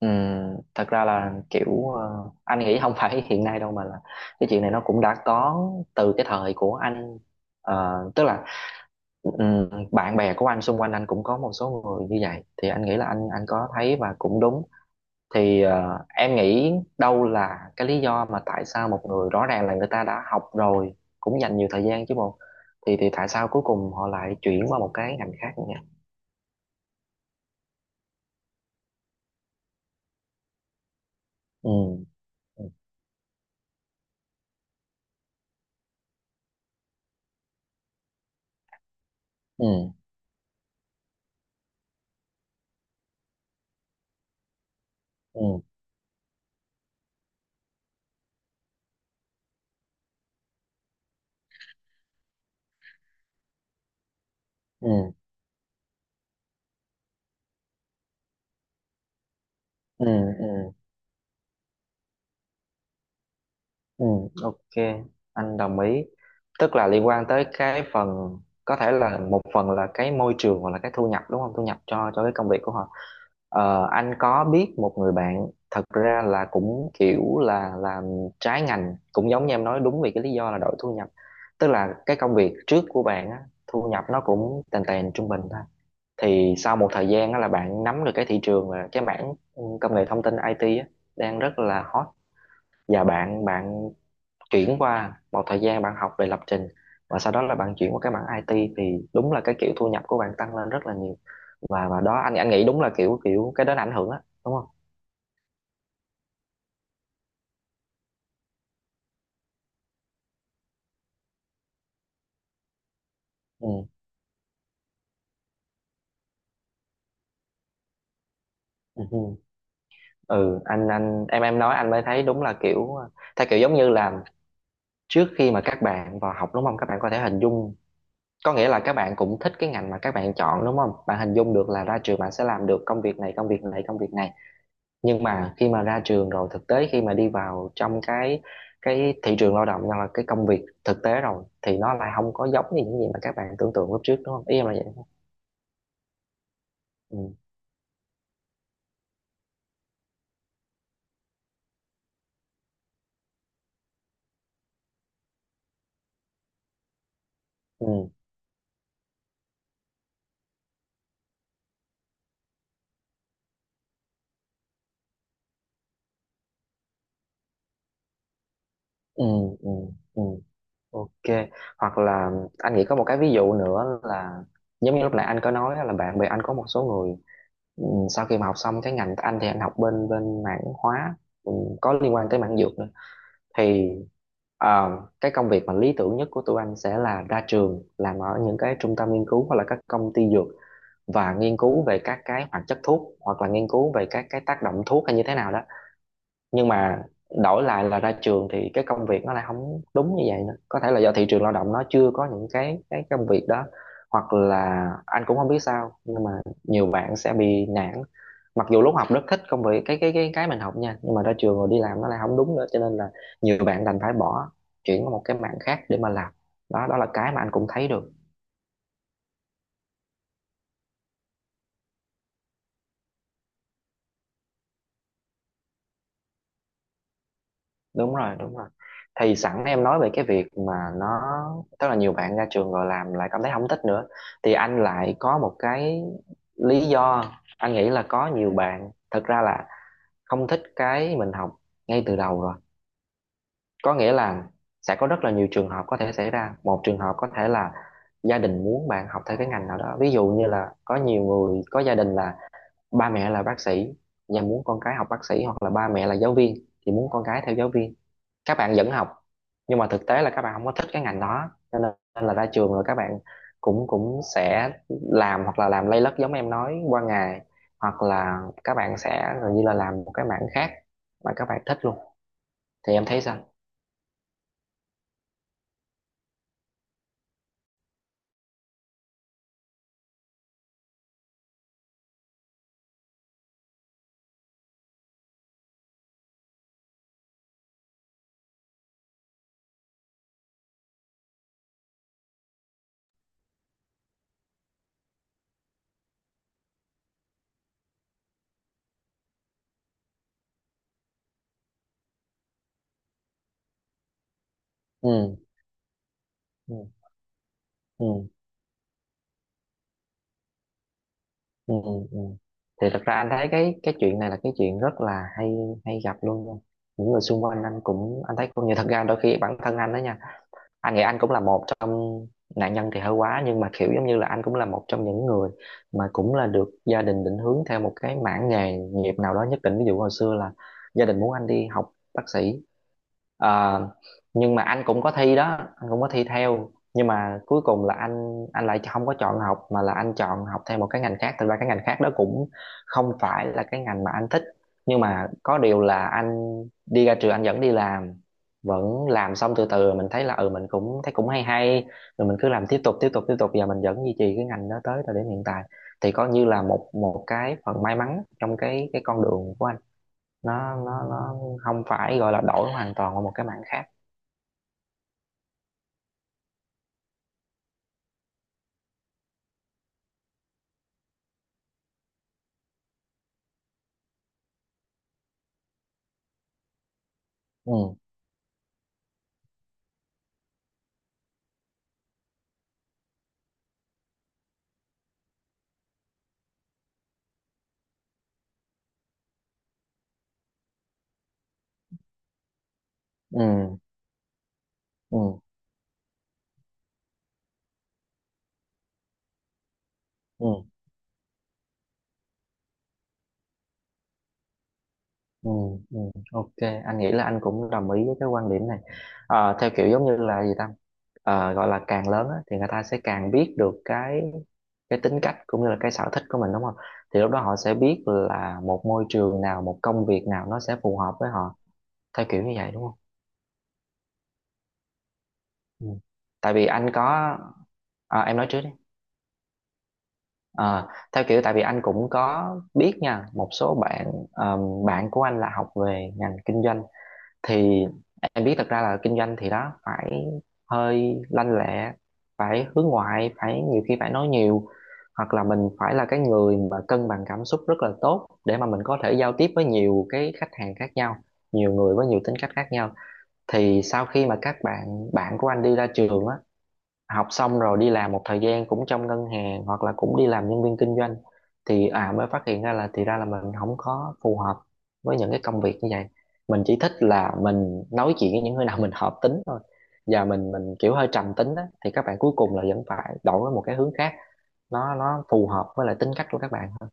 Ừ, thật ra là kiểu anh nghĩ không phải hiện nay đâu mà là cái chuyện này nó cũng đã có từ cái thời của anh. Tức là bạn bè của anh xung quanh anh cũng có một số người như vậy thì anh nghĩ là anh có thấy và cũng đúng. Thì em nghĩ đâu là cái lý do mà tại sao một người rõ ràng là người ta đã học rồi, cũng dành nhiều thời gian chứ bộ, thì tại sao cuối cùng họ lại chuyển qua một cái ngành khác như vậy? Ừ. Ừ. Ừ. Ừ. Ừ. Ừ. Ừ. Ừ, ok, anh đồng ý. Tức là liên quan tới cái phần có thể là một phần là cái môi trường hoặc là cái thu nhập đúng không? Thu nhập cho cái công việc của họ. Anh có biết một người bạn thật ra là cũng kiểu là làm trái ngành cũng giống như em nói, đúng vì cái lý do là đổi thu nhập. Tức là cái công việc trước của bạn á, thu nhập nó cũng tèn tèn trung bình thôi. Thì sau một thời gian á là bạn nắm được cái thị trường và cái mảng công nghệ thông tin IT á, đang rất là hot, và bạn bạn chuyển qua một thời gian bạn học về lập trình và sau đó là bạn chuyển qua cái mảng IT thì đúng là cái kiểu thu nhập của bạn tăng lên rất là nhiều. Và đó anh nghĩ đúng là kiểu kiểu cái đó là ảnh hưởng á đúng không? Ừ. Ừ. Ừ. Ừ, anh em nói anh mới thấy đúng là kiểu theo kiểu giống như là trước khi mà các bạn vào học đúng không, các bạn có thể hình dung, có nghĩa là các bạn cũng thích cái ngành mà các bạn chọn đúng không, bạn hình dung được là ra trường bạn sẽ làm được công việc này, công việc này, công việc này. Nhưng mà khi mà ra trường rồi thực tế khi mà đi vào trong cái thị trường lao động hoặc là cái công việc thực tế rồi thì nó lại không có giống như những gì mà các bạn tưởng tượng lúc trước, đúng không, ý em là vậy. Ừ. Ừ. Ừ. Ừ. Ừ. Ok. Hoặc là anh nghĩ có một cái ví dụ nữa là giống như lúc nãy anh có nói là bạn bè anh có một số người. Sau khi mà học xong cái ngành anh thì anh học bên bên mảng hóa, ừ, có liên quan tới mảng dược nữa. Thì Ờ, cái công việc mà lý tưởng nhất của tụi anh sẽ là ra trường làm ở những cái trung tâm nghiên cứu hoặc là các công ty dược và nghiên cứu về các cái hoạt chất thuốc hoặc là nghiên cứu về các cái tác động thuốc hay như thế nào đó. Nhưng mà đổi lại là ra trường thì cái công việc nó lại không đúng như vậy nữa, có thể là do thị trường lao động nó chưa có những cái công việc đó, hoặc là anh cũng không biết sao nhưng mà nhiều bạn sẽ bị nản. Mặc dù lúc học rất thích công việc cái mình học nha, nhưng mà ra trường rồi đi làm nó lại không đúng nữa cho nên là nhiều bạn đành phải bỏ, chuyển qua một cái mảng khác để mà làm. Đó, đó là cái mà anh cũng thấy được. Đúng rồi, đúng rồi. Thì sẵn em nói về cái việc mà nó, tức là nhiều bạn ra trường rồi làm lại cảm thấy không thích nữa, thì anh lại có một cái lý do. Anh nghĩ là có nhiều bạn thật ra là không thích cái mình học ngay từ đầu rồi. Có nghĩa là sẽ có rất là nhiều trường hợp có thể xảy ra. Một trường hợp có thể là gia đình muốn bạn học theo cái ngành nào đó, ví dụ như là có nhiều người có gia đình là ba mẹ là bác sĩ và muốn con cái học bác sĩ, hoặc là ba mẹ là giáo viên thì muốn con cái theo giáo viên. Các bạn vẫn học nhưng mà thực tế là các bạn không có thích cái ngành đó cho nên là ra trường rồi các bạn cũng cũng sẽ làm, hoặc là làm lây lất giống em nói qua ngày, hoặc là các bạn sẽ gần như là làm một cái mảng khác mà các bạn thích luôn. Thì em thấy sao? Ừ. Ừ. Ừ. Ừ. Thì thật ra anh thấy cái chuyện này là cái chuyện rất là hay, hay gặp luôn nha. Những người xung quanh anh cũng, anh thấy cũng, như thật ra đôi khi bản thân anh đó nha, anh nghĩ anh cũng là một trong, nạn nhân thì hơi quá, nhưng mà kiểu giống như là anh cũng là một trong những người mà cũng là được gia đình định hướng theo một cái mảng nghề nghiệp nào đó nhất định. Ví dụ hồi xưa là gia đình muốn anh đi học bác sĩ. Ờ, nhưng mà anh cũng có thi đó, anh cũng có thi theo, nhưng mà cuối cùng là anh lại không có chọn học mà là anh chọn học theo một cái ngành khác. Thật ra cái ngành khác đó cũng không phải là cái ngành mà anh thích, nhưng mà có điều là anh đi ra trường anh vẫn đi làm, vẫn làm, xong từ từ mình thấy là ừ mình cũng thấy cũng hay hay, rồi mình cứ làm tiếp tục tiếp tục tiếp tục và mình vẫn duy trì cái ngành đó tới thời điểm hiện tại. Thì coi như là một một cái phần may mắn trong cái con đường của anh, nó không phải gọi là đổi hoàn toàn qua một cái mảng khác. Ừ. Ừ. Ừ. Ừ. Ừ. Ừ. Ok. Anh nghĩ là anh cũng đồng ý với cái quan điểm này. Theo kiểu giống như là gì ta, gọi là càng lớn á, thì người ta sẽ càng biết được cái tính cách cũng như là cái sở thích của mình đúng không. Thì lúc đó họ sẽ biết là một môi trường nào, một công việc nào nó sẽ phù hợp với họ, theo kiểu như vậy đúng không. Ừ. Tại vì anh có, à, em nói trước đi. Ờ, Theo kiểu tại vì anh cũng có biết nha một số bạn, ờm, bạn của anh là học về ngành kinh doanh. Thì em biết thật ra là kinh doanh thì đó phải hơi lanh lẹ, phải hướng ngoại, phải nhiều khi phải nói nhiều, hoặc là mình phải là cái người mà cân bằng cảm xúc rất là tốt để mà mình có thể giao tiếp với nhiều cái khách hàng khác nhau, nhiều người với nhiều tính cách khác nhau. Thì sau khi mà các bạn bạn của anh đi ra trường á, học xong rồi đi làm một thời gian cũng trong ngân hàng hoặc là cũng đi làm nhân viên kinh doanh, thì à mới phát hiện ra là thì ra là mình không có phù hợp với những cái công việc như vậy. Mình chỉ thích là mình nói chuyện với những người nào mình hợp tính thôi, và mình kiểu hơi trầm tính đó, thì các bạn cuối cùng là vẫn phải đổi qua một cái hướng khác, nó phù hợp với lại tính cách của các bạn hơn.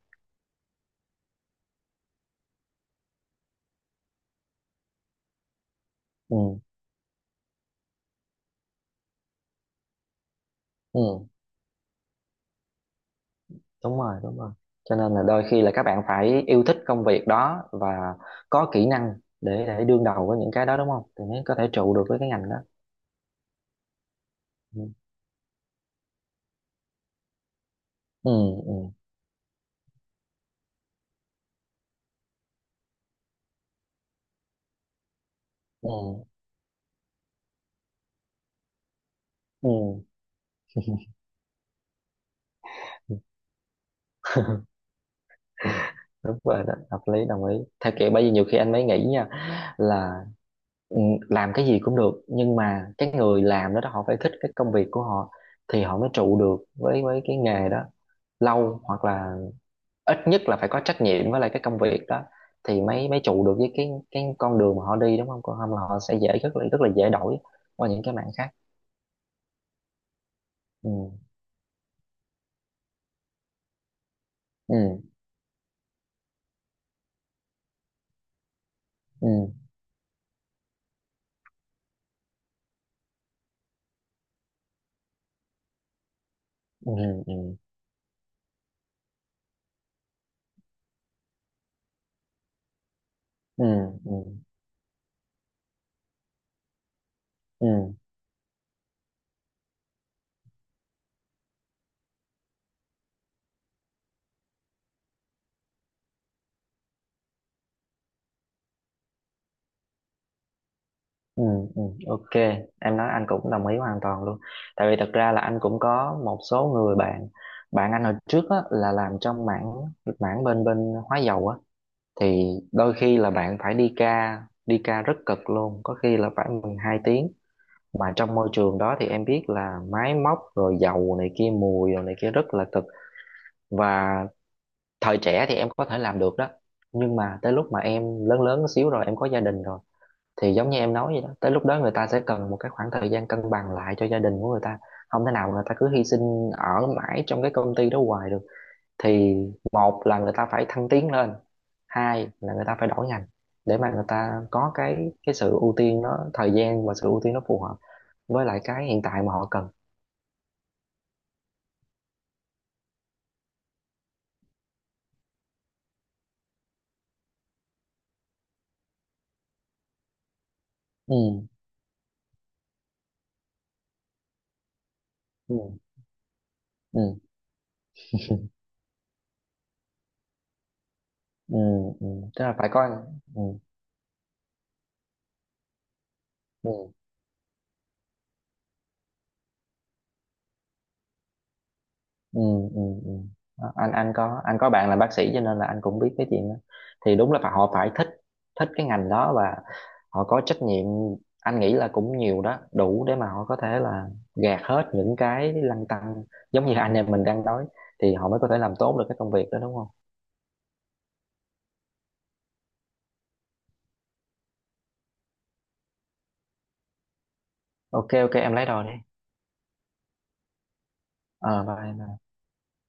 Ừ. Ừ. Đúng rồi, đúng rồi. Cho nên là đôi khi là các bạn phải yêu thích công việc đó và có kỹ năng để đương đầu với những cái đó đúng không, thì mới có thể trụ được với cái ngành đó. Ừ. Ừ. Ừ. Ừ. Ừ. Đúng rồi đó, hợp lý, đồng ý. Theo kiểu bởi vì nhiều khi anh mới nghĩ nha là ừ, làm cái gì cũng được, nhưng mà cái người làm đó, đó họ phải thích cái công việc của họ thì họ mới trụ được với cái nghề đó lâu, hoặc là ít nhất là phải có trách nhiệm với lại cái công việc đó thì mới mới trụ được với cái con đường mà họ đi đúng không, còn không là họ sẽ dễ, rất là dễ đổi qua những cái mảng khác. Ừ. Ừ. Ừ. Ừ. Ừ. Ừ. Ừ. Ừ. Ừ, ừ, ok, em nói anh cũng đồng ý hoàn toàn luôn. Tại vì thật ra là anh cũng có một số người bạn, bạn anh hồi trước á, là làm trong mảng mảng bên bên hóa dầu á, thì đôi khi là bạn phải đi ca, đi ca rất cực luôn, có khi là phải 12 tiếng, mà trong môi trường đó thì em biết là máy móc rồi dầu này kia mùi rồi này kia rất là cực. Và thời trẻ thì em có thể làm được đó, nhưng mà tới lúc mà em lớn lớn xíu rồi em có gia đình rồi thì giống như em nói vậy đó, tới lúc đó người ta sẽ cần một cái khoảng thời gian cân bằng lại cho gia đình của người ta. Không thể nào người ta cứ hy sinh ở mãi trong cái công ty đó hoài được. Thì một là người ta phải thăng tiến lên, hai là người ta phải đổi ngành để mà người ta có cái sự ưu tiên nó thời gian và sự ưu tiên nó phù hợp với lại cái hiện tại mà họ cần. Ừ. Ừ. Ừ. Ừ. Ừ. Tức là phải có. Ừ. Ừ. Ừ. Ừ. Ừ. Đó, anh có bạn là bác sĩ cho nên là anh cũng biết cái chuyện đó. Thì đúng là họ phải thích thích cái ngành đó và họ có trách nhiệm. Anh nghĩ là cũng nhiều đó đủ để mà họ có thể là gạt hết những cái lăn tăn giống như anh em mình đang nói, thì họ mới có thể làm tốt được cái công việc đó đúng không? Ok, ok, em lấy đồ đi. Ờ bye.